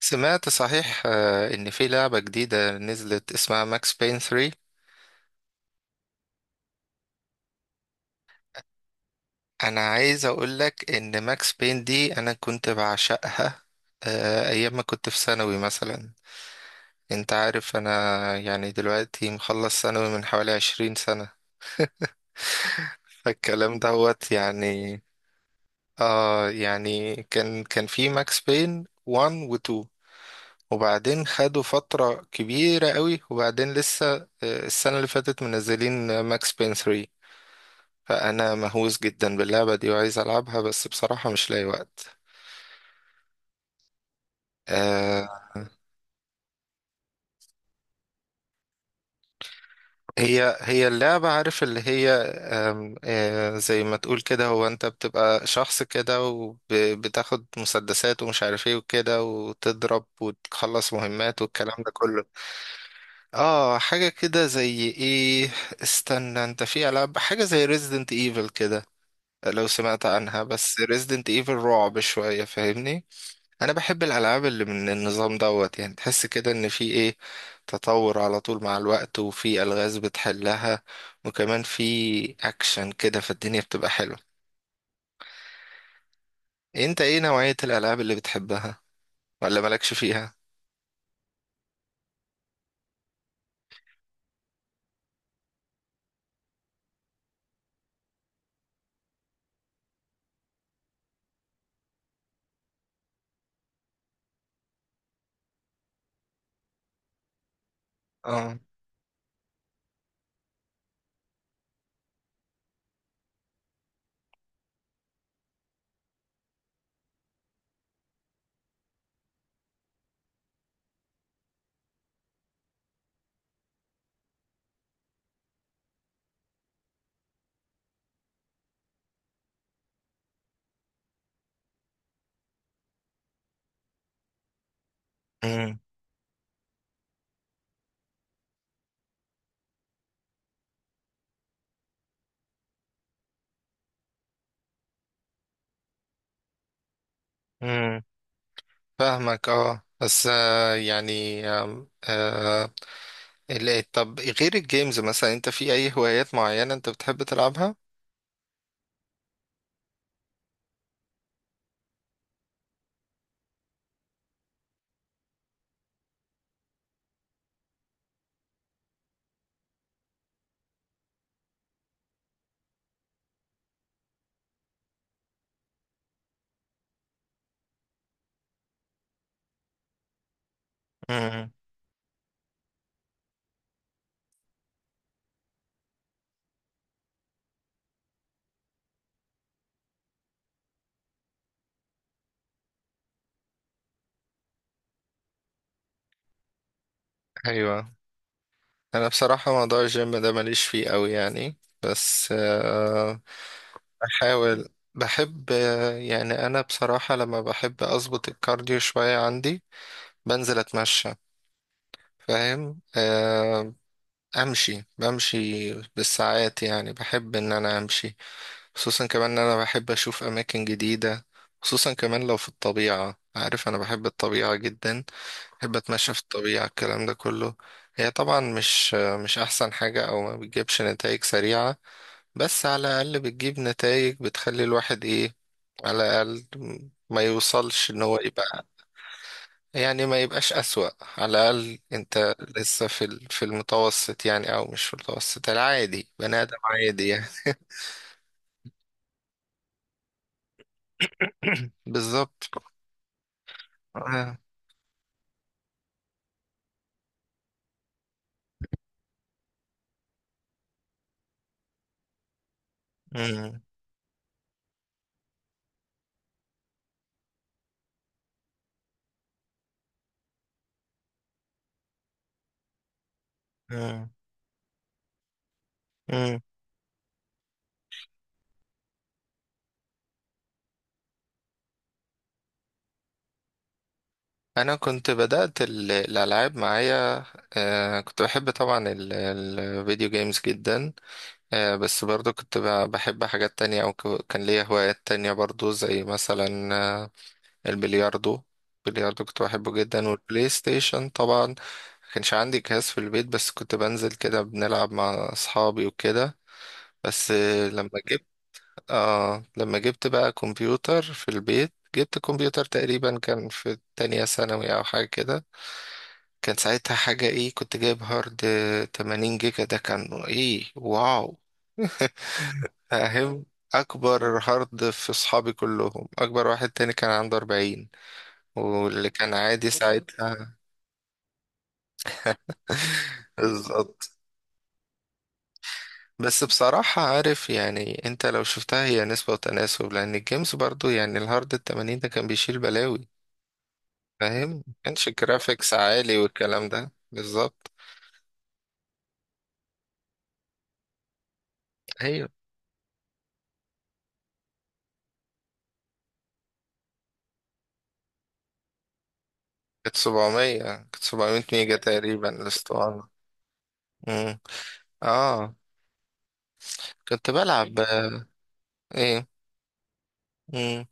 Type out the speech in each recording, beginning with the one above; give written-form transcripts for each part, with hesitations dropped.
سمعت صحيح، ان في لعبة جديدة نزلت اسمها ماكس بين 3. انا عايز اقولك ان ماكس بين دي انا كنت بعشقها، ايام ما كنت في ثانوي مثلا. انت عارف انا، يعني دلوقتي مخلص ثانوي من حوالي 20 سنة. فالكلام دوت يعني. اه يعني كان في ماكس بين 1 و 2، وبعدين خدوا فترة كبيرة قوي، وبعدين لسه السنة اللي فاتت منزلين ماكس بين 3. فأنا مهووس جدا باللعبة دي وعايز ألعبها، بس بصراحة مش لاقي وقت. آه. هي اللعبة، عارف اللي هي، آم، آه زي ما تقول كده، هو أنت بتبقى شخص كده وبتاخد مسدسات ومش عارف ايه وكده، وتضرب وتخلص مهمات والكلام ده كله. اه، حاجة كده زي ايه. استنى، انت في ألعاب حاجة زي ريزيدنت ايفل كده؟ لو سمعت عنها. بس ريزيدنت ايفل رعب شوية فاهمني. انا بحب الالعاب اللي من النظام دوت، يعني تحس كده ان في ايه، تطور على طول مع الوقت وفي الغاز بتحلها. وكمان في اكشن كده، فالدنيا بتبقى حلوه. انت ايه نوعيه الالعاب اللي بتحبها؟ ولا مالكش فيها؟ اه. امم امم فاهمك، اه، بس يعني، آم، آه طب، غير الجيمز مثلا، انت في اي هوايات معينه انت بتحب تلعبها؟ امم ايوه. انا بصراحة موضوع الجيم ده ماليش فيه قوي يعني، بس بحاول. بحب، يعني انا بصراحة لما بحب اظبط الكارديو شوية، عندي بنزل اتمشى، فاهم. امشي، بمشي بالساعات، يعني بحب ان انا امشي، خصوصا كمان ان انا بحب اشوف اماكن جديدة، خصوصا كمان لو في الطبيعة، عارف انا بحب الطبيعة جدا، بحب اتمشى في الطبيعة، الكلام ده كله. هي طبعا مش احسن حاجة او ما بتجيبش نتائج سريعة، بس على الاقل بتجيب نتائج بتخلي الواحد ايه، على الاقل ما يوصلش ان هو يبقى، يعني ما يبقاش اسوأ. على الاقل انت لسه في المتوسط، يعني او مش في المتوسط، العادي، بني ادم عادي يعني. بالظبط. آه. مم. مم. مم. انا كنت بدأت الالعاب معايا، كنت بحب طبعا الفيديو جيمز جدا. بس برضو كنت بحب حاجات تانية، او كان ليا هوايات تانية برضو، زي مثلا البلياردو. البلياردو كنت بحبه جدا. والبلاي ستيشن طبعا ما كانش عندي جهاز في البيت، بس كنت بنزل كده بنلعب مع اصحابي وكده. بس لما جبت بقى كمبيوتر في البيت، جبت كمبيوتر تقريبا كان في تانية ثانوي او حاجة كده. كان ساعتها حاجة ايه، كنت جايب هارد 80 جيجا، ده كان ايه، واو! فاهم، اكبر هارد في اصحابي كلهم. اكبر واحد تاني كان عنده 40، واللي كان عادي ساعتها. بالظبط. بس بصراحة عارف يعني، انت لو شفتها هي نسبة وتناسب، لان الجيمز برضو يعني الهارد ال 80 ده كان بيشيل بلاوي، فاهم. ما كانش جرافيكس عالي والكلام ده بالظبط. ايوه، كانت 700 ميجا تقريبا الاسطوانة. مم. اه كنت بلعب ايه. مم.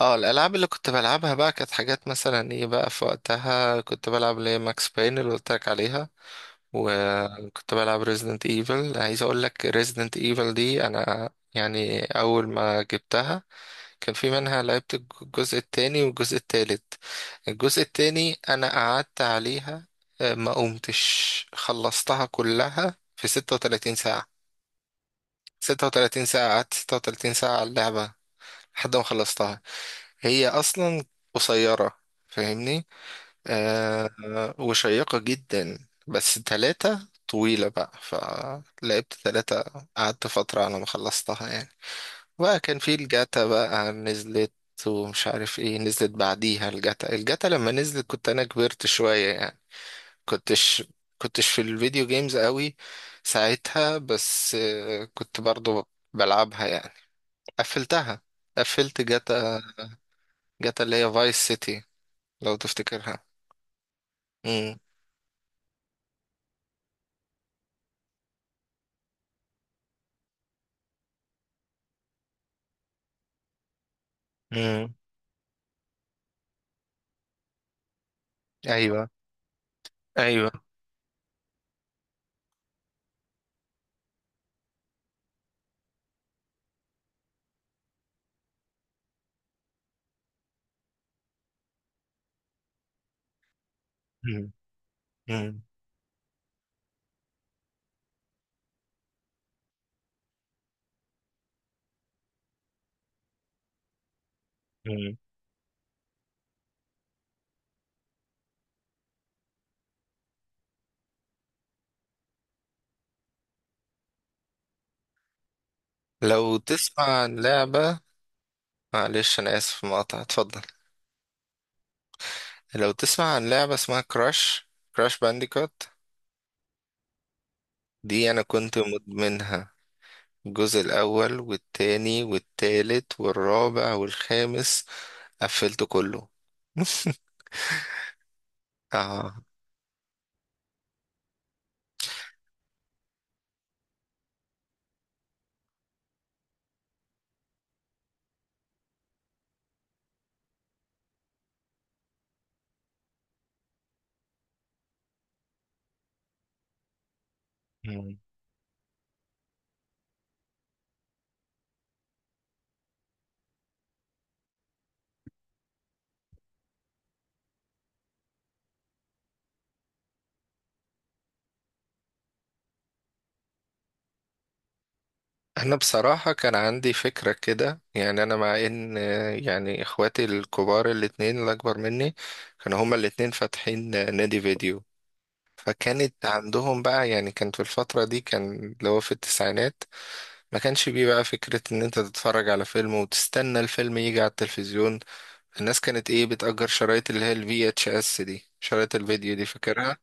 اه الالعاب اللي كنت بلعبها بقى كانت حاجات مثلا ايه بقى، في وقتها كنت بلعب اللي هي ماكس باين اللي قلت لك عليها، وكنت بلعب ريزيدنت ايفل. عايز اقول لك ريزيدنت ايفل دي انا يعني اول ما جبتها، كان في منها لعبت الجزء التاني والجزء التالت. الجزء التاني انا قعدت عليها، ما قمتش خلصتها كلها في 36 ساعة. 36 ساعة، قعدت 36 ساعة على اللعبة لحد ما خلصتها. هي أصلا قصيرة فاهمني، وشيقة جدا، بس تلاتة طويلة بقى، فلعبت تلاتة، قعدت فترة على ما خلصتها يعني. بقى كان في الجاتا بقى نزلت ومش عارف ايه، نزلت بعديها الجاتا لما نزلت كنت انا كبرت شوية يعني، كنتش كنتش في الفيديو جيمز قوي ساعتها، بس كنت برضو بلعبها يعني. قفلتها، قفلت جاتا، جاتا اللي هي فايس سيتي لو تفتكرها. امم. امم. ايوه ايوه. امم. امم. امم. لو تسمع عن لعبة، معلش انا اسف مقاطعة، اتفضل. لو تسمع عن لعبة اسمها كراش، كراش بانديكوت، دي انا كنت مدمنها. الجزء الاول والتاني والتالت والرابع والخامس، قفلته كله. اه. انا بصراحة كان عندي فكرة كده، يعني انا مع ان، يعني اخواتي الكبار الاتنين اللي اكبر مني كانوا هما الاتنين فاتحين، نادي فيديو. فكانت عندهم بقى يعني، كان في الفترة دي، كان اللي هو في التسعينات، ما كانش بيه بقى فكرة ان انت تتفرج على فيلم وتستنى الفيلم يجي على التلفزيون. الناس كانت ايه، بتأجر شرايط اللي هي الفي اتش اس دي، شرايط الفيديو دي فاكرها،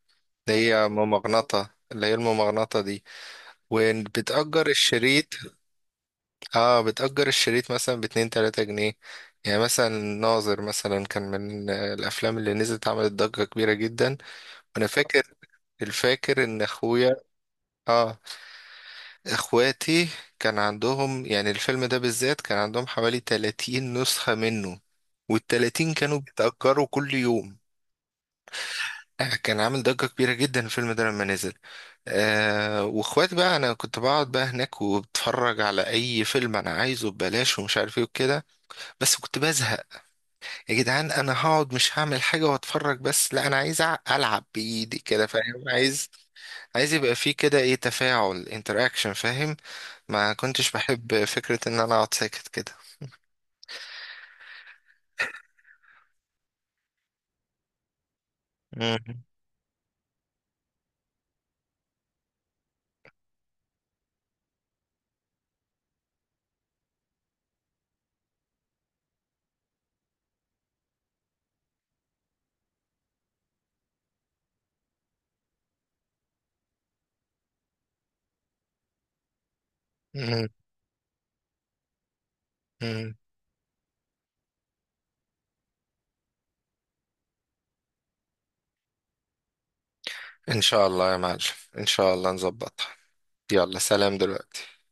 اللي هي ممغنطة، اللي هي الممغنطة دي، وبتأجر الشريط. اه، بتأجر الشريط مثلا باتنين تلاتة جنيه. يعني مثلا ناظر مثلا، كان من الأفلام اللي نزلت عملت ضجة كبيرة جدا، وأنا فاكر، الفاكر إن أخويا، اه إخواتي كان عندهم يعني الفيلم ده بالذات، كان عندهم حوالي 30 نسخة منه، والـ30 كانوا بيتأجروا كل يوم. كان عامل ضجة كبيرة جدا الفيلم ده لما نزل. واخواتي بقى، انا كنت بقعد بقى هناك وبتفرج على اي فيلم انا عايزه ببلاش، ومش عارف ايه وكده، بس كنت بزهق. يا جدعان انا هقعد مش هعمل حاجه واتفرج بس؟ لا انا عايز العب بايدي كده، فاهم، عايز، عايز يبقى فيه كده ايه، تفاعل، انتراكشن فاهم. ما كنتش بحب فكره ان انا اقعد ساكت كده. مم. مم. مم. ان شاء الله يا معلم، ان شاء الله نظبطها، يلا سلام دلوقتي.